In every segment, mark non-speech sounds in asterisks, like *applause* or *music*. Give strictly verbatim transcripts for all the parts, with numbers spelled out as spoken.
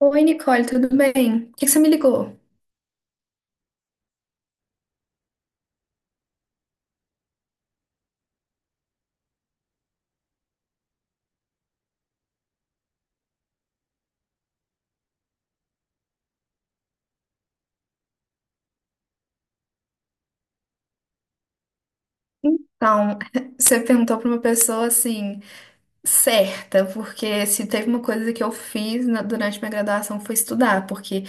Oi, Nicole, tudo bem? Por que que você me ligou? Então, *laughs* você perguntou para uma pessoa assim, certa, porque se teve uma coisa que eu fiz na- durante minha graduação foi estudar, porque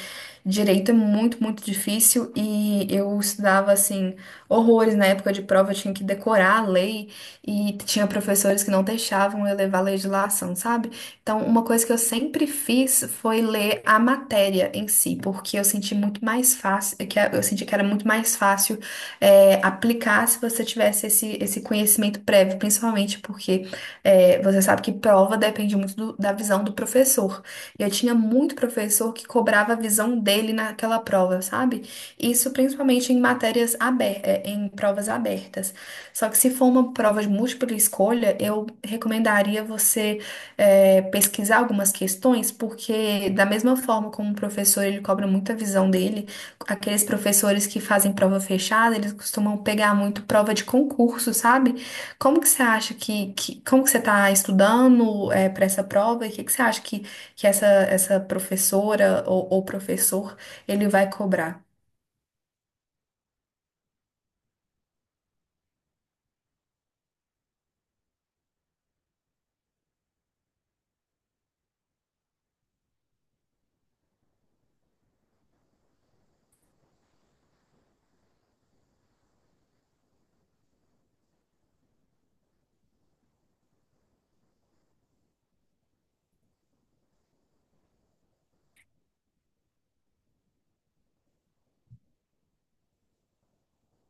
direito é muito, muito difícil e eu estudava assim horrores na época de prova, eu tinha que decorar a lei e tinha professores que não deixavam eu levar a legislação, sabe? Então, uma coisa que eu sempre fiz foi ler a matéria em si, porque eu senti muito mais fácil, que eu senti que era muito mais fácil é, aplicar se você tivesse esse, esse conhecimento prévio, principalmente porque é, você sabe que prova depende muito do- da visão do professor. E eu tinha muito professor que cobrava a visão dele naquela prova, sabe? Isso principalmente em matérias abertas, em provas abertas. Só que se for uma prova de múltipla escolha, eu recomendaria você é, pesquisar algumas questões, porque da mesma forma como o professor ele cobra muita visão dele, aqueles professores que fazem prova fechada, eles costumam pegar muito prova de concurso, sabe? Como que você acha que, que como que você está estudando para essa prova e o que, que você acha que, que essa, essa professora ou, ou professor ele vai cobrar?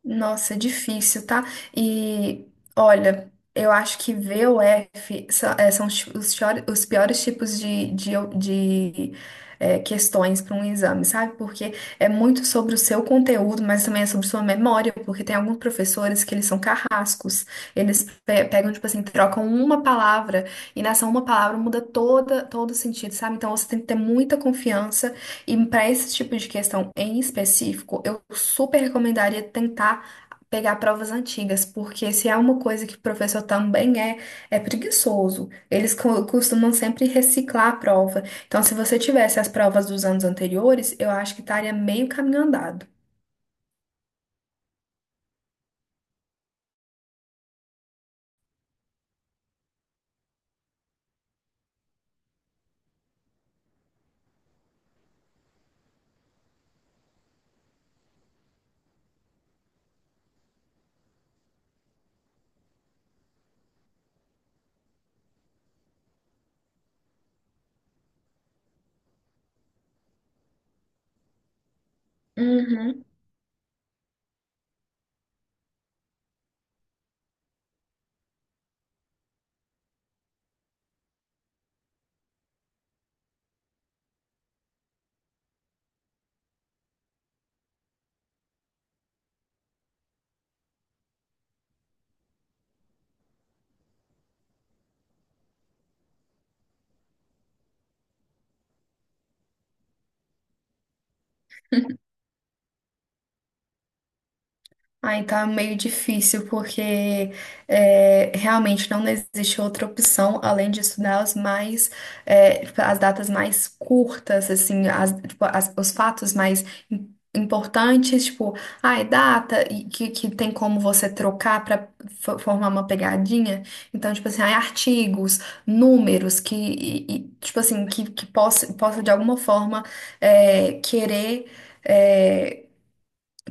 Nossa, é difícil, tá? E olha, eu acho que V ou F sa- é, são os, os pior- os piores tipos de, de, de, é, questões para um exame, sabe? Porque é muito sobre o seu conteúdo, mas também é sobre sua memória, porque tem alguns professores que eles são carrascos. Eles pe- pegam, tipo assim, trocam uma palavra e nessa uma palavra muda toda, todo o sentido, sabe? Então você tem que ter muita confiança e para esse tipo de questão em específico, eu super recomendaria tentar pegar provas antigas, porque se há uma coisa que o professor também é, é preguiçoso. Eles co- costumam sempre reciclar a prova. Então, se você tivesse as provas dos anos anteriores, eu acho que estaria meio caminho andado. Uhum. Aí tá meio difícil, porque é, realmente não existe outra opção além de estudar os mais, é, tipo, as datas mais curtas, assim, as- tipo, as- os fatos mais im- importantes, tipo, ai, data, e que, que tem como você trocar para formar uma pegadinha. Então, tipo assim, ai, artigos, números, que, e- e, tipo assim, que, que possa, possa de alguma forma é, querer. é,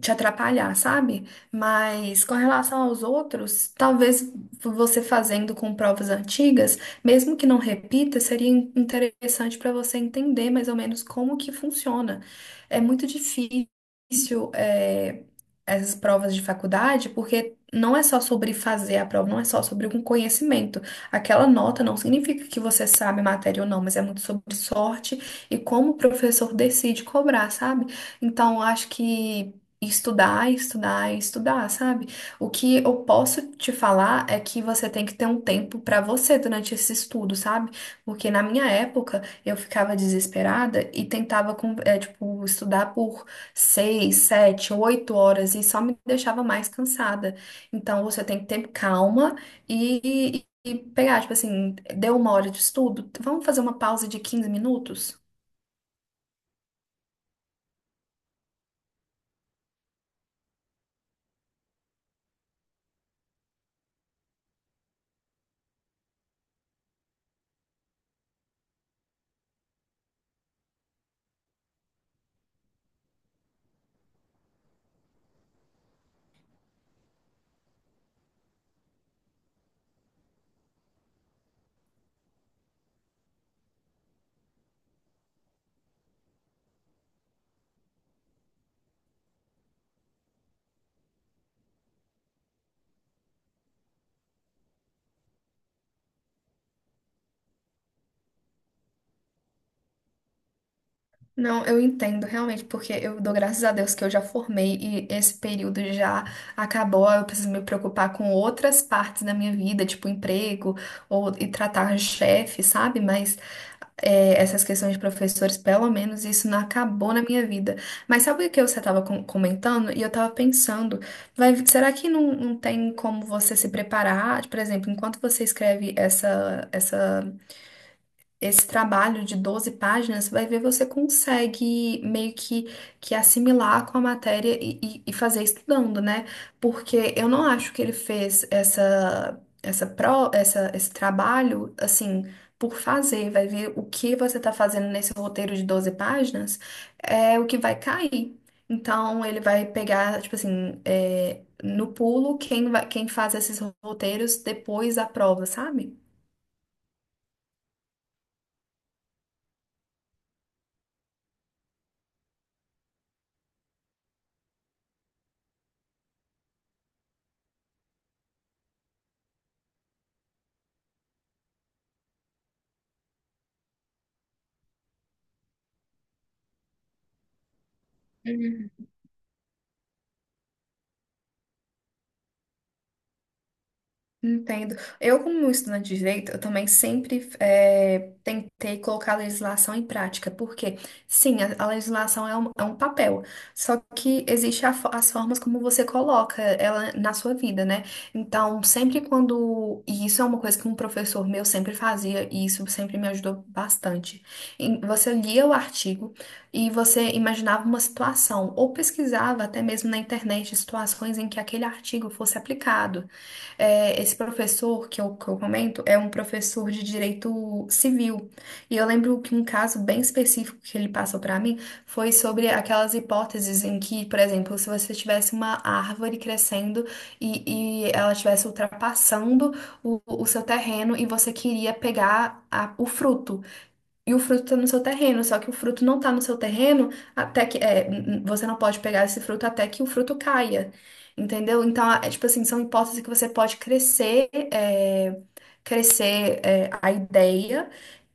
Te atrapalhar, sabe? Mas com relação aos outros, talvez você fazendo com provas antigas, mesmo que não repita, seria in- interessante para você entender mais ou menos como que funciona. É muito difícil, é, essas provas de faculdade, porque não é só sobre fazer a prova, não é só sobre um conhecimento. Aquela nota não significa que você sabe a matéria ou não, mas é muito sobre sorte e como o professor decide cobrar, sabe? Então, eu acho que estudar, estudar, estudar, sabe? O que eu posso te falar é que você tem que ter um tempo pra você durante esse estudo, sabe? Porque na minha época eu ficava desesperada e tentava com, é, tipo estudar por seis, sete, oito horas e só me deixava mais cansada. Então você tem que ter calma e, e e pegar, tipo assim, deu uma hora de estudo, vamos fazer uma pausa de quinze minutos? Não, eu entendo realmente, porque eu dou graças a Deus que eu já formei e esse período já acabou. Eu preciso me preocupar com outras partes da minha vida, tipo emprego ou e tratar chefe, sabe? Mas é, essas questões de professores, pelo menos isso não acabou na minha vida. Mas sabe o que você estava comentando? E eu estava pensando, vai, será que não, não tem como você se preparar? Por exemplo, enquanto você escreve essa, essa esse trabalho de doze páginas, vai ver você consegue meio que, que assimilar com a matéria e, e- e fazer estudando, né? Porque eu não acho que ele fez essa, essa, pro, essa, esse trabalho, assim, por fazer. Vai ver o que você está fazendo nesse roteiro de doze páginas, é o que vai cair. Então, ele vai pegar, tipo assim, é, no pulo, quem vai, quem faz esses roteiros depois da prova, sabe? Entendo. Eu, como estudante de direito, eu também sempre eh, tentei colocar a legislação em prática, porque, sim, a, a legislação é um, é um papel, só que existe a fo- as formas como você coloca ela na sua vida, né? Então, sempre quando. E isso é uma coisa que um professor meu sempre fazia, e isso sempre me ajudou bastante. Em- Você lia o artigo e você imaginava uma situação, ou pesquisava até mesmo na internet situações em que aquele artigo fosse aplicado. É, esse professor que eu, que eu comento é um professor de direito civil. E eu lembro que um caso bem específico que ele passou para mim foi sobre aquelas hipóteses em que, por exemplo, se você tivesse uma árvore crescendo e, e ela estivesse ultrapassando o, o seu terreno e você queria pegar a- o fruto. E o fruto está no seu terreno, só que o fruto não está no seu terreno até que é, n- n- você não pode pegar esse fruto até que o fruto caia, entendeu? Então, é tipo assim, são hipóteses que você pode crescer, é, crescer é, a ideia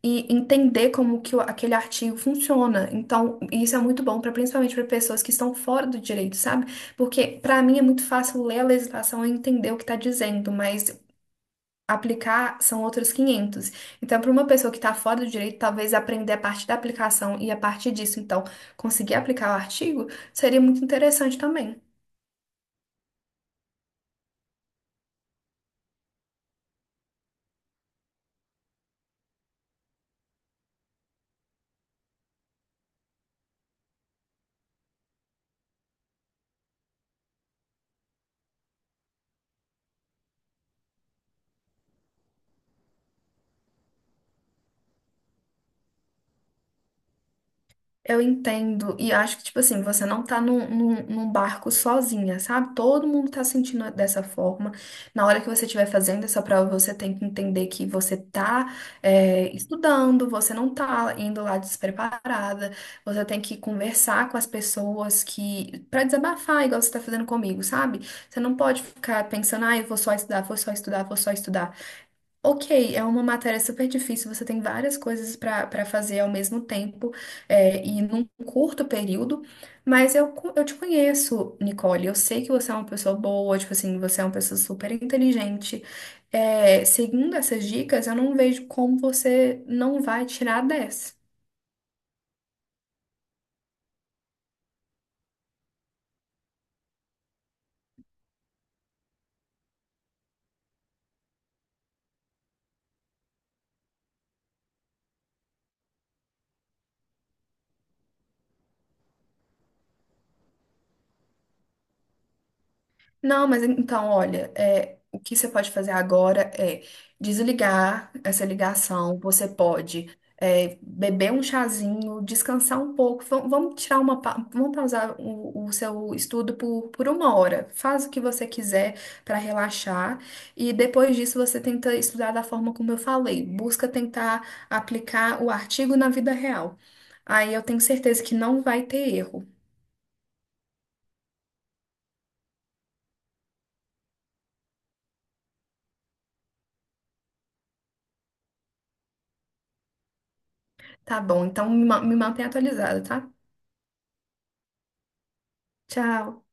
e entender como que o- aquele artigo funciona. Então, isso é muito bom para principalmente para pessoas que estão fora do direito, sabe? Porque para mim é muito fácil ler a legislação e entender o que está dizendo, mas aplicar são outros quinhentos. Então, para uma pessoa que está fora do direito, talvez aprender a parte da aplicação e a partir disso, então, conseguir aplicar o artigo seria muito interessante também. Eu entendo, e acho que, tipo assim, você não tá num, num, num barco sozinha, sabe? Todo mundo tá sentindo dessa forma. Na hora que você estiver fazendo essa prova, você tem que entender que você tá, é, estudando, você não tá indo lá despreparada, você tem que conversar com as pessoas que, pra desabafar, igual você tá fazendo comigo, sabe? Você não pode ficar pensando, ah, eu vou só estudar, vou só estudar, vou só estudar. Ok, é uma matéria super difícil, você tem várias coisas para para fazer ao mesmo tempo é, e num curto período, mas eu, co- eu te conheço, Nicole, eu sei que você é uma pessoa boa, tipo assim, você é uma pessoa super inteligente. É, seguindo essas dicas, eu não vejo como você não vai tirar dez. Não, mas então, olha, é, o que você pode fazer agora é desligar essa ligação. Você pode é, beber um chazinho, descansar um pouco. Va- Vamos tirar uma, pa- vamos pausar o, o seu estudo por, por uma hora. Faz o que você quiser para relaxar e depois disso você tenta estudar da forma como eu falei. Busca tentar aplicar o artigo na vida real. Aí eu tenho certeza que não vai ter erro. Tá bom, então me ma- me mantém atualizada, tá? Tchau.